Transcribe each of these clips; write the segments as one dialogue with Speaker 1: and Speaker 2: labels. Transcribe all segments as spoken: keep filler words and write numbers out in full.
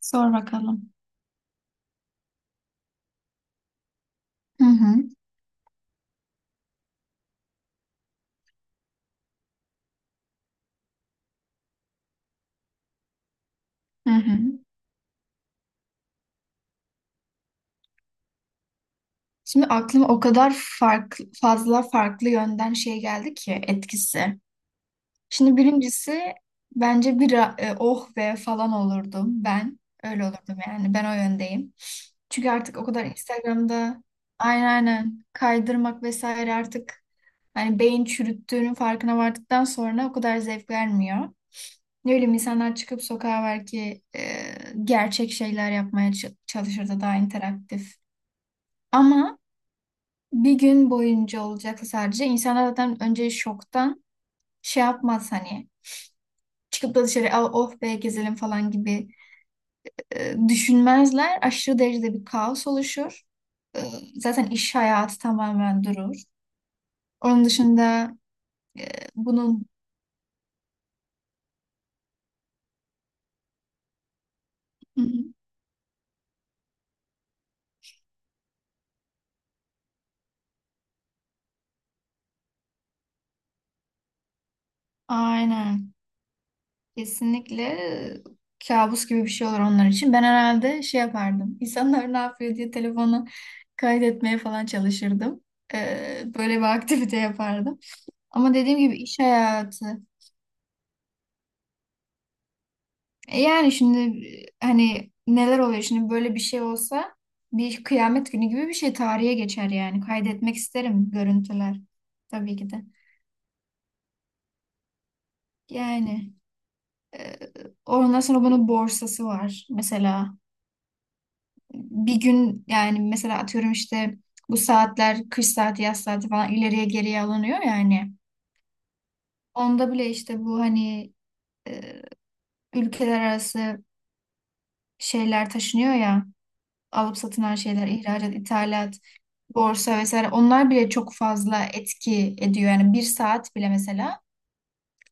Speaker 1: Sor bakalım. Hı hı, hı hı. Şimdi aklıma o kadar farklı, fazla farklı yönden şey geldi ki etkisi. Şimdi birincisi bence bir e, oh be falan olurdum ben. Öyle olurdum yani ben o yöndeyim. Çünkü artık o kadar Instagram'da aynen aynen kaydırmak vesaire artık hani beyin çürüttüğünün farkına vardıktan sonra o kadar zevk vermiyor. Ne bileyim insanlar çıkıp sokağa belki e, gerçek şeyler yapmaya ç- çalışırdı daha interaktif. Ama bir gün boyunca olacaksa sadece insanlar zaten önce şoktan şey yapmaz hani çıkıp da dışarı "Aa, oh be gezelim" falan gibi e, düşünmezler. Aşırı derecede bir kaos oluşur. E, zaten iş hayatı tamamen durur. Onun dışında e, bunun Hı hı. Aynen. Kesinlikle e, kabus gibi bir şey olur onlar için. Ben herhalde şey yapardım. İnsanlar ne yapıyor diye telefonu kaydetmeye falan çalışırdım. Ee, böyle bir aktivite yapardım. Ama dediğim gibi iş hayatı. E yani şimdi e, hani neler oluyor şimdi böyle bir şey olsa bir kıyamet günü gibi bir şey tarihe geçer yani. Kaydetmek isterim görüntüler tabii ki de. Yani e, ondan sonra bunun borsası var mesela. Bir gün yani mesela atıyorum işte bu saatler kış saati yaz saati falan ileriye geriye alınıyor yani. Onda bile işte bu hani e, ülkeler arası şeyler taşınıyor ya, alıp satılan şeyler, ihracat, ithalat, borsa vesaire, onlar bile çok fazla etki ediyor. Yani bir saat bile mesela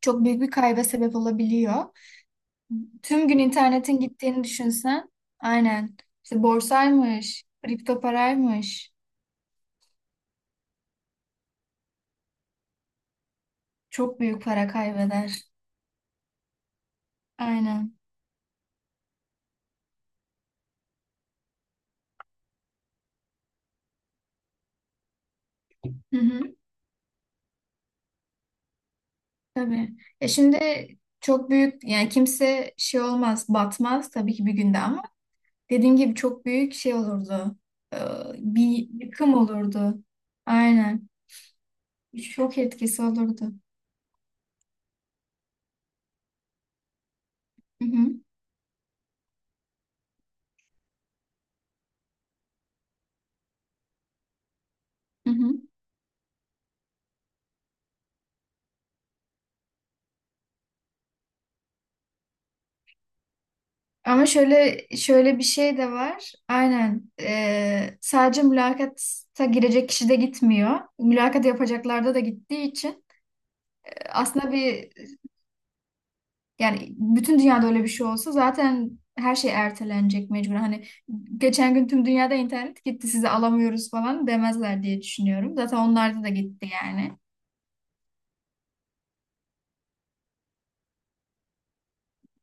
Speaker 1: çok büyük bir kayba sebep olabiliyor. Tüm gün internetin gittiğini düşünsen aynen işte borsaymış, kripto paraymış, çok büyük para kaybeder. Aynen. Hı hı, tabii. Ya şimdi çok büyük yani, kimse şey olmaz, batmaz tabii ki bir günde, ama dediğim gibi çok büyük şey olurdu. Ee, bir yıkım olurdu. Aynen. Şok etkisi olurdu. Hı hı, hı hı. Ama şöyle şöyle bir şey de var. Aynen. Ee, sadece mülakata girecek kişi de gitmiyor. Mülakat yapacaklarda da gittiği için e, aslında bir. Yani bütün dünyada öyle bir şey olsa zaten her şey ertelenecek mecburen. Hani geçen gün tüm dünyada internet gitti, sizi alamıyoruz falan demezler diye düşünüyorum. Zaten onlarda da gitti yani.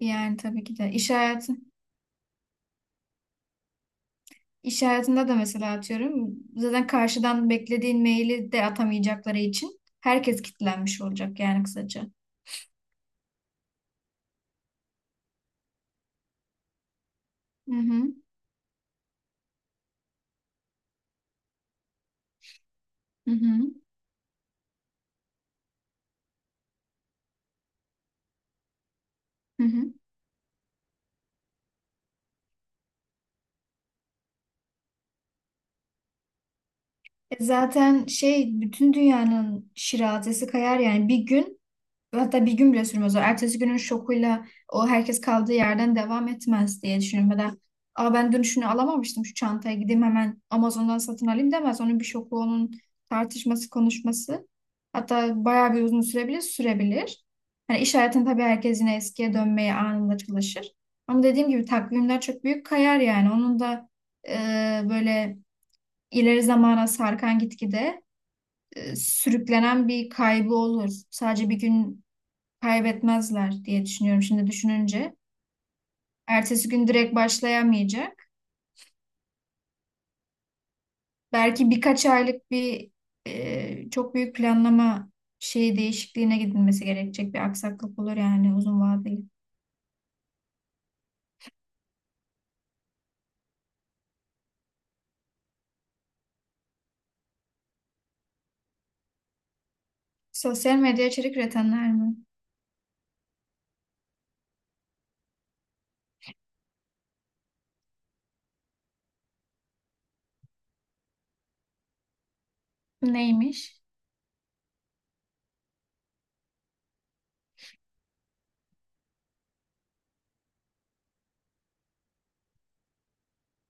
Speaker 1: Yani tabii ki de iş hayatı iş hayatında da mesela atıyorum, zaten karşıdan beklediğin maili de atamayacakları için herkes kilitlenmiş olacak yani, kısaca. Hı hı. Hı hı. Hı hı. E zaten şey, bütün dünyanın şirazesi kayar yani bir gün. Hatta bir gün bile sürmez o. Ertesi günün şokuyla o, herkes kaldığı yerden devam etmez diye düşünüyorum. Ya da "Aa, ben dün şunu alamamıştım, şu çantaya gideyim hemen Amazon'dan satın alayım" demez. Onun bir şoku, onun tartışması, konuşması. Hatta bayağı bir uzun sürebilir sürebilir. Hani iş hayatında tabii herkes yine eskiye dönmeye anında çalışır. Ama dediğim gibi takvimler çok büyük kayar yani. Onun da e, böyle ileri zamana sarkan, gitgide e, sürüklenen bir kaybı olur. Sadece bir gün kaybetmezler diye düşünüyorum şimdi düşününce. Ertesi gün direkt başlayamayacak. Belki birkaç aylık bir e, çok büyük planlama şeyi değişikliğine gidilmesi gerekecek, bir aksaklık olur yani, uzun vadeli. Sosyal medya içerik üretenler mi? Neymiş?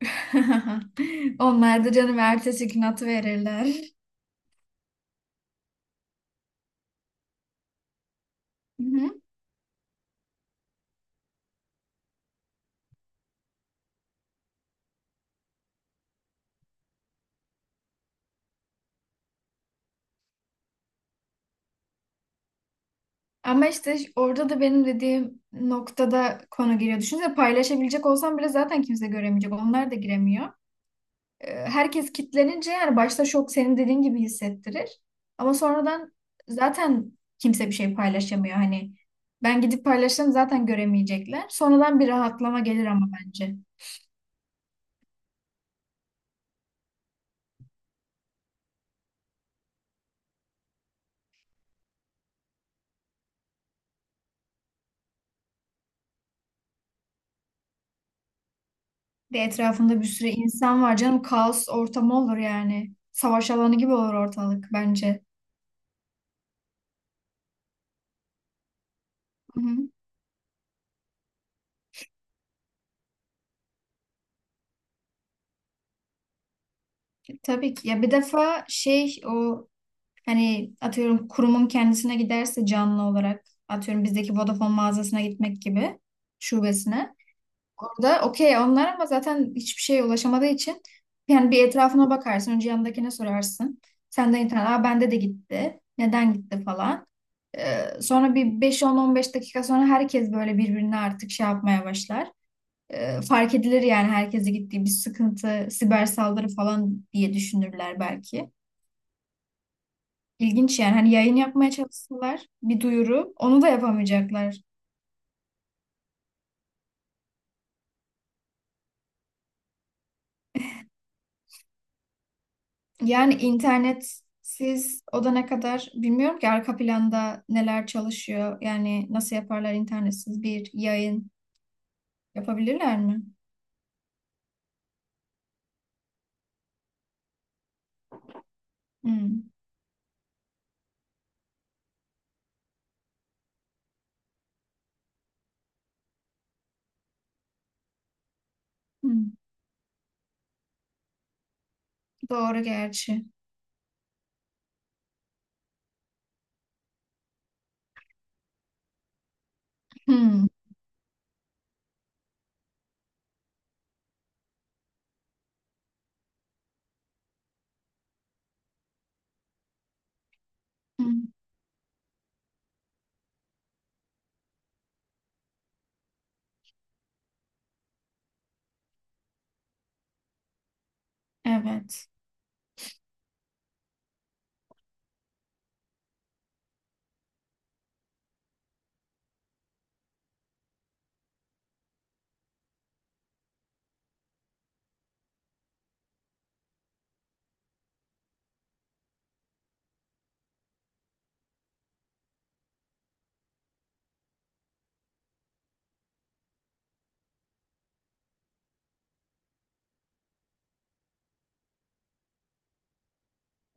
Speaker 1: Onlar da canım ertesi gün atıverirler. Hı hı. Ama işte orada da benim dediğim noktada konu giriyor. Düşünsene, paylaşabilecek olsam bile zaten kimse göremeyecek. Onlar da giremiyor. e, herkes kitlenince yani, başta şok senin dediğin gibi hissettirir. Ama sonradan zaten kimse bir şey paylaşamıyor. Hani ben gidip paylaşsam zaten göremeyecekler. Sonradan bir rahatlama gelir ama bence. De etrafında bir sürü insan var canım. Kaos ortamı olur yani. Savaş alanı gibi olur ortalık bence. Hı hı. Tabii ki. Ya bir defa şey o, hani atıyorum kurumun kendisine giderse canlı olarak, atıyorum bizdeki Vodafone mağazasına gitmek gibi, şubesine. Orada okey onlar, ama zaten hiçbir şeye ulaşamadığı için yani bir etrafına bakarsın. Önce yanındakine sorarsın. Senden internet. Aa, bende de gitti. Neden gitti falan. Ee, sonra bir beş, on, on beş dakika sonra herkes böyle birbirine artık şey yapmaya başlar. Ee, fark edilir yani, herkese gittiği, bir sıkıntı, siber saldırı falan diye düşünürler belki. İlginç yani, hani yayın yapmaya çalışsalar, bir duyuru, onu da yapamayacaklar. Yani internetsiz o da ne kadar, bilmiyorum ki arka planda neler çalışıyor. Yani nasıl yaparlar internetsiz bir yayın, yapabilirler mi? Hmm. Hmm. Doğru gerçi. Hmm. Hmm. Evet.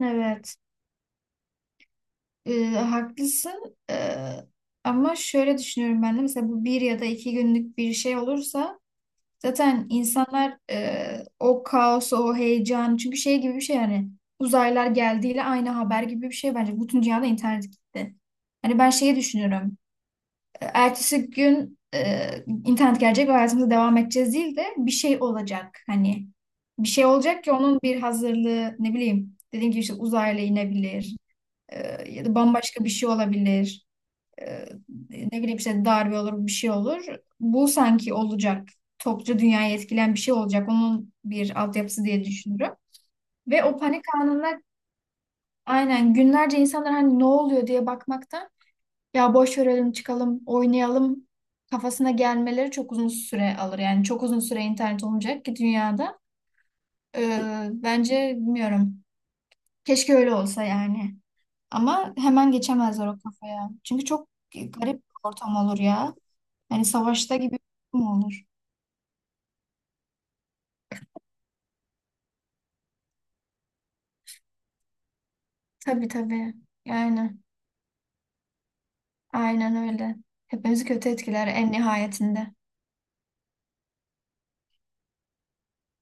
Speaker 1: Evet. Ee, haklısın. Ee, ama şöyle düşünüyorum ben de mesela, bu bir ya da iki günlük bir şey olursa zaten insanlar e, o kaosu, o heyecanı, çünkü şey gibi bir şey yani, uzaylılar geldiğiyle aynı haber gibi bir şey bence. Bütün dünyada internet gitti. Hani ben şeyi düşünüyorum. e, Ertesi gün e, internet gelecek ve hayatımıza devam edeceğiz değil de, bir şey olacak. Hani bir şey olacak ki, onun bir hazırlığı, ne bileyim, dediğim gibi işte uzaylı inebilir, e, ya da bambaşka bir şey olabilir, e, ne bileyim işte, darbe olur, bir şey olur. Bu sanki olacak. Topluca dünyayı etkileyen bir şey olacak. Onun bir altyapısı diye düşünürüm. Ve o panik anında, aynen, günlerce insanlar hani ne oluyor diye bakmaktan, ya boş verelim çıkalım oynayalım kafasına gelmeleri çok uzun süre alır. Yani çok uzun süre internet olmayacak ki dünyada. Ee, bence bilmiyorum. Keşke öyle olsa yani. Ama hemen geçemezler o kafaya. Çünkü çok garip bir ortam olur ya. Hani savaşta gibi bir durum olur. Tabii tabii. Yani aynen öyle. Hepimizi kötü etkiler en nihayetinde.